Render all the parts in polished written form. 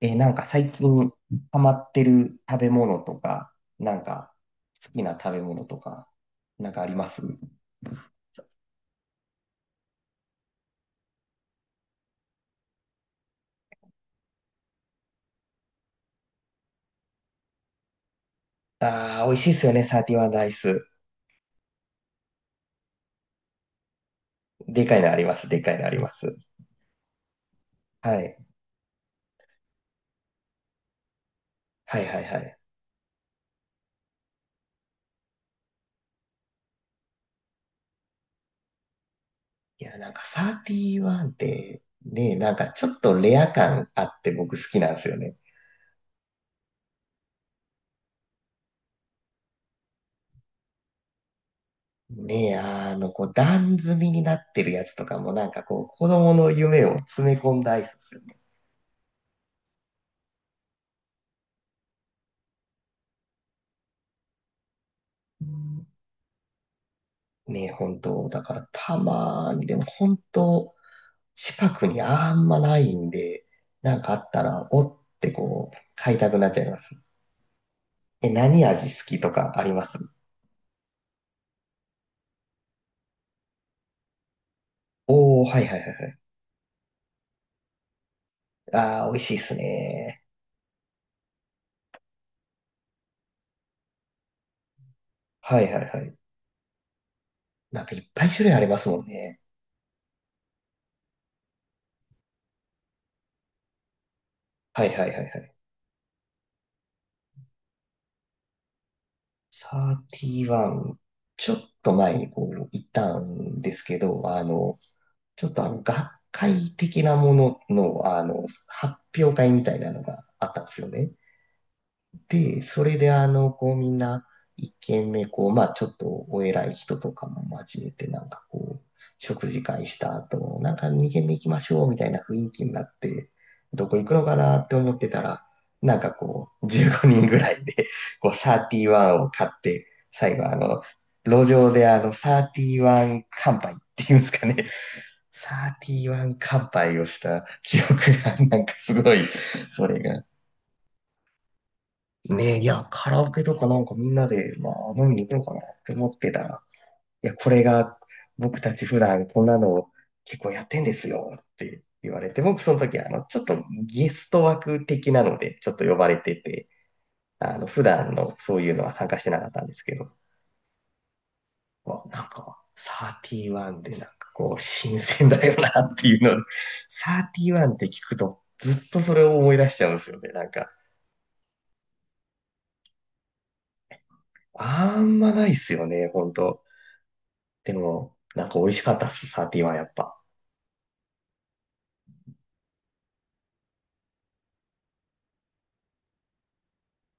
なんか最近ハマってる食べ物とか、なんか好きな食べ物とか、なんかあります？ああー、美味しいですよね、サーティワンダイス。でかいのあります、でかいのあります。はい。はいはいはい。いや、なんかサーティワンって、ね、なんかちょっとレア感あって僕好きなんですよね。ねえ、こう、段積みになってるやつとかも、なんかこう、子供の夢を詰め込んだアイスですよね。ねえ、本当だからたまに、でも本当近くにあんまないんで、なんかあったら、おってこう、買いたくなっちゃいます。え、何味好きとかあります？おー、はいはいはいはい。あー、美味しいっすね。はいはいはい。なんかいっぱい種類ありますもんね。はいはいはいはい。31、ちょっと前にこう、行ったんですけど、ちょっと学会的なものの、発表会みたいなのがあったんですよね。で、それでこうみんな一軒目、こう、まあちょっとお偉い人とかも交えて、なんかこう、食事会した後、なんか二軒目行きましょうみたいな雰囲気になって、どこ行くのかなって思ってたら、なんかこう、15人ぐらいで、こう、31を買って、最後路上で31乾杯っていうんですかね、31乾杯をした記憶が、なんかすごい、それがねえ、いや、カラオケとかなんかみんなで、まあ、飲みに行こうかなって思ってたら、いや、これが僕たち普段こんなのを結構やってんですよって言われて、僕その時、ちょっとゲスト枠的なので、ちょっと呼ばれてて、普段のそういうのは参加してなかったんですけど、なんか、31でなんかこう、新鮮だよなっていうので、31って聞くとずっとそれを思い出しちゃうんですよね。なんか、あんまないっすよね、ほんと。でも、なんか美味しかったっす、サーティはやっぱ。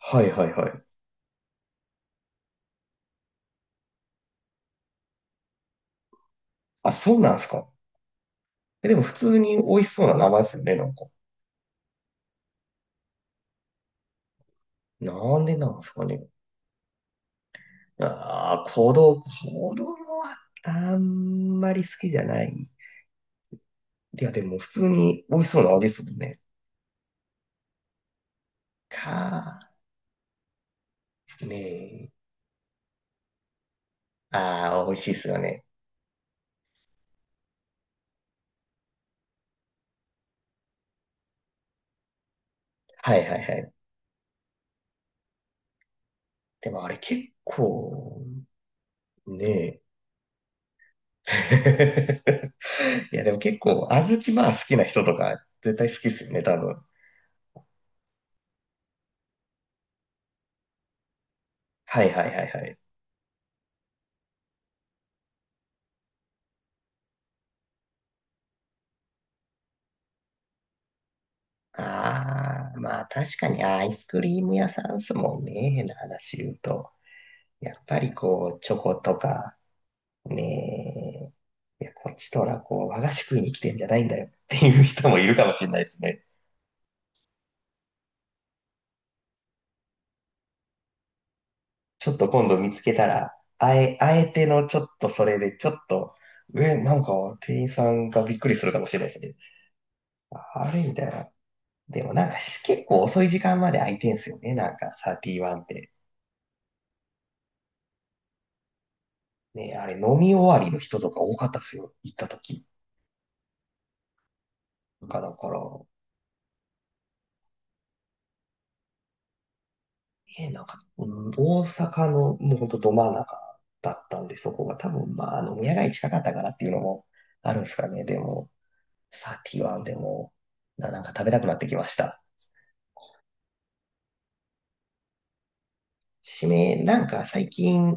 はいはいはい。あ、そうなんすか。え、でも普通に美味しそうな名前ですよね、なんか。なんでなんすかね。ああ、子供はあんまり好きじゃない。いや、でも普通に美味しそうな味ですもんね。かー、ねえ。ああ、美味しいっすよね。はいはいはい。でもあれ結構、ねえ。いや、でも結構、小豆まあ好きな人とか絶対好きっすよね、多分。はいはいはいはい。ああ、まあ確かにアイスクリーム屋さんっすもんね、変な話言うと。やっぱりこう、チョコとか、ねえ、いや、こっちとらこう、和菓子食いに来てんじゃないんだよっていう人もいるかもしれないですね。ちょっと今度見つけたら、あえてのちょっとそれで、ちょっと、え、なんか店員さんがびっくりするかもしれないですね。あれみたいな。でもなんかし結構遅い時間まで開いてんすよね、なんか31って。ね、あれ飲み終わりの人とか多かったですよ。行った時。なんかだから、なんか、うん大阪のもうほんとど真ん中だったんで、そこが多分まあ、宮街近かったからっていうのもあるんですかね。でも、サーティワンでも、なんか食べたくなってきました。締め、なんか最近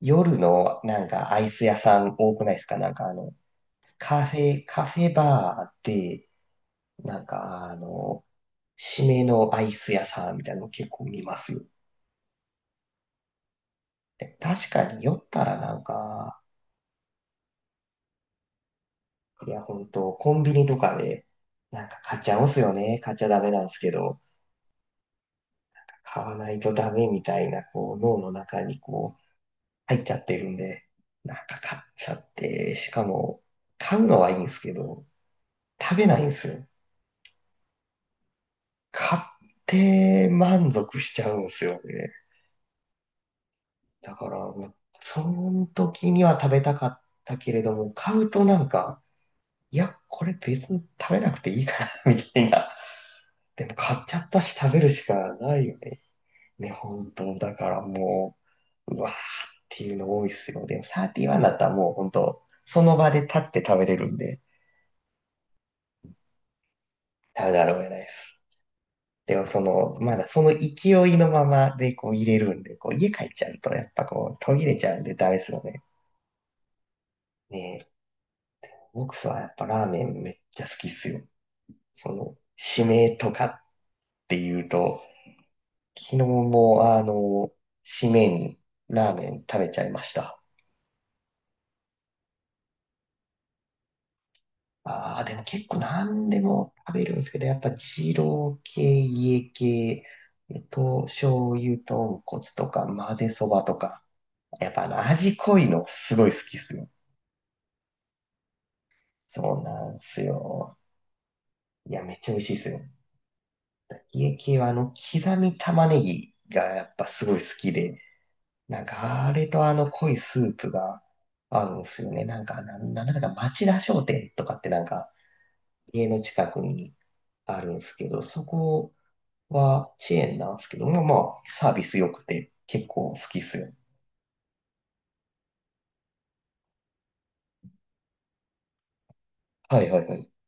夜のなんかアイス屋さん多くないですか？なんかカフェバーで、なんか締めのアイス屋さんみたいなの結構見ますよ。でも確かに酔ったらなんか、いや、本当コンビニとかで、なんか買っちゃうんすよね。買っちゃダメなんですけど、買わないとダメみたいな、こう、脳の中にこう、入っちゃってるんで、なんか買っちゃって、しかも、買うのはいいんですけど、食べないんですよ。買って満足しちゃうんですよね。だから、もうその時には食べたかったけれども、買うとなんか、いや、これ別に食べなくていいかな、みたいな。でも買っちゃったし食べるしかないよね。ね、本当。だからもう、うわーっていうの多いっすよ。でも31だったらもう本当、その場で立って食べれるんで、食べざるを得ないです。でもまだその勢いのままでこう入れるんで、こう家帰っちゃうとやっぱこう途切れちゃうんでダメですよね。ねえ、僕はやっぱラーメンめっちゃ好きっすよ。締めとかっていうと、昨日も締めにラーメン食べちゃいました。ああ、でも結構何でも食べるんですけど、やっぱ二郎系、家系、醤油豚骨とか混ぜそばとか、やっぱあの味濃いのすごい好きっすよ。そうなんすよ。いや、めっちゃ美味しいっすよ。家系はあの刻み玉ねぎがやっぱすごい好きで、なんかあれとあの濃いスープが合うんすよね。なんか、なんだか町田商店とかってなんか家の近くにあるんすけど、そこはチェーンなんですけども、まあ、サービス良くて結構好きっすよ。はいはいはい。い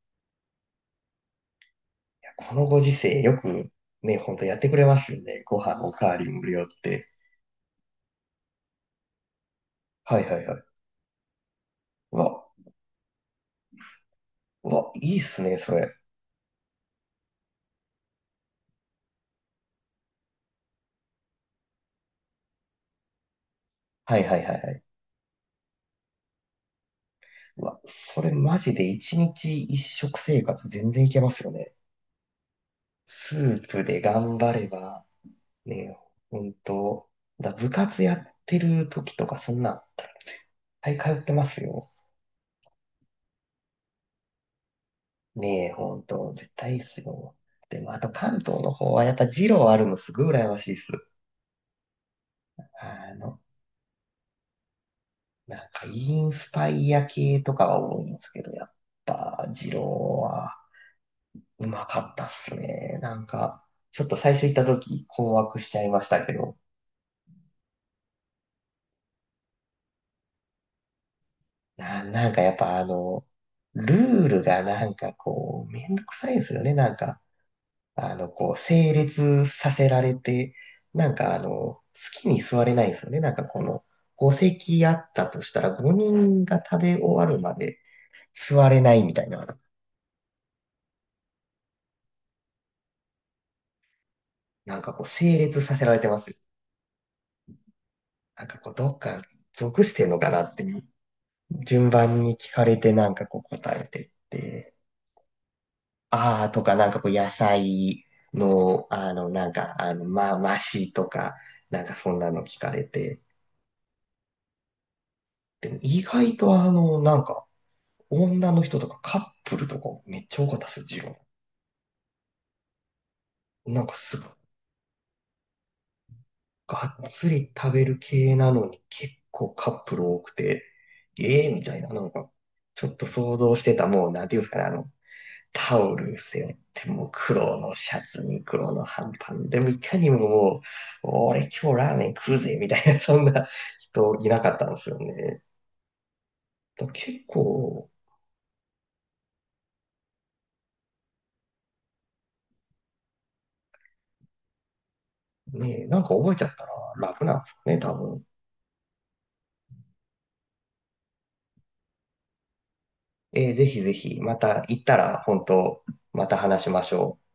やこのご時世よくね、ほんとやってくれますよね。ご飯おかわり無料って。はいはいはい。うわ、うわ、いいっすね、それ。はいはいはいはい。うわ、それマジで一日一食生活全然いけますよね。スープで頑張れば、ね、ほんと、部活やってる時とかそんな、はい通ってますよ。ねえ、ほんと、絶対いいっすよ。でも、あと関東の方はやっぱ二郎あるのすごい羨ましいっす。あの、なんかインスパイア系とかが多いんですけど、やっぱ二郎はうまかったっすね。なんか、ちょっと最初行った時困惑しちゃいましたけど、なんかやっぱルールがなんかこう、めんどくさいんですよね。なんか、こう、整列させられて、なんか好きに座れないんですよね。なんかこの、5席あったとしたら5人が食べ終わるまで座れないみたいな、なんかこう、整列させられてますよ。なんかこう、どっか属してんのかなって、順番に聞かれてなんかこう答えてって、あーとかなんかこう、野菜の、なんか、まあ、マシとか、なんかそんなの聞かれて、でも意外となんか、女の人とかカップルとかめっちゃ多かったですよ、ジロー。なんかすっごいがっつり食べる系なのに結構カップル多くて、ええみたいな、なんか、ちょっと想像してた、もう、なんていうんですかね、タオル背負って、もう黒のシャツに黒の半パンでもいかにももう、俺今日ラーメン食うぜ、みたいな、そんな人いなかったんですよね。だから結構、ね、なんか覚えちゃったら楽なんですかね、多分。ぜひぜひ、また行ったら、本当また話しましょう。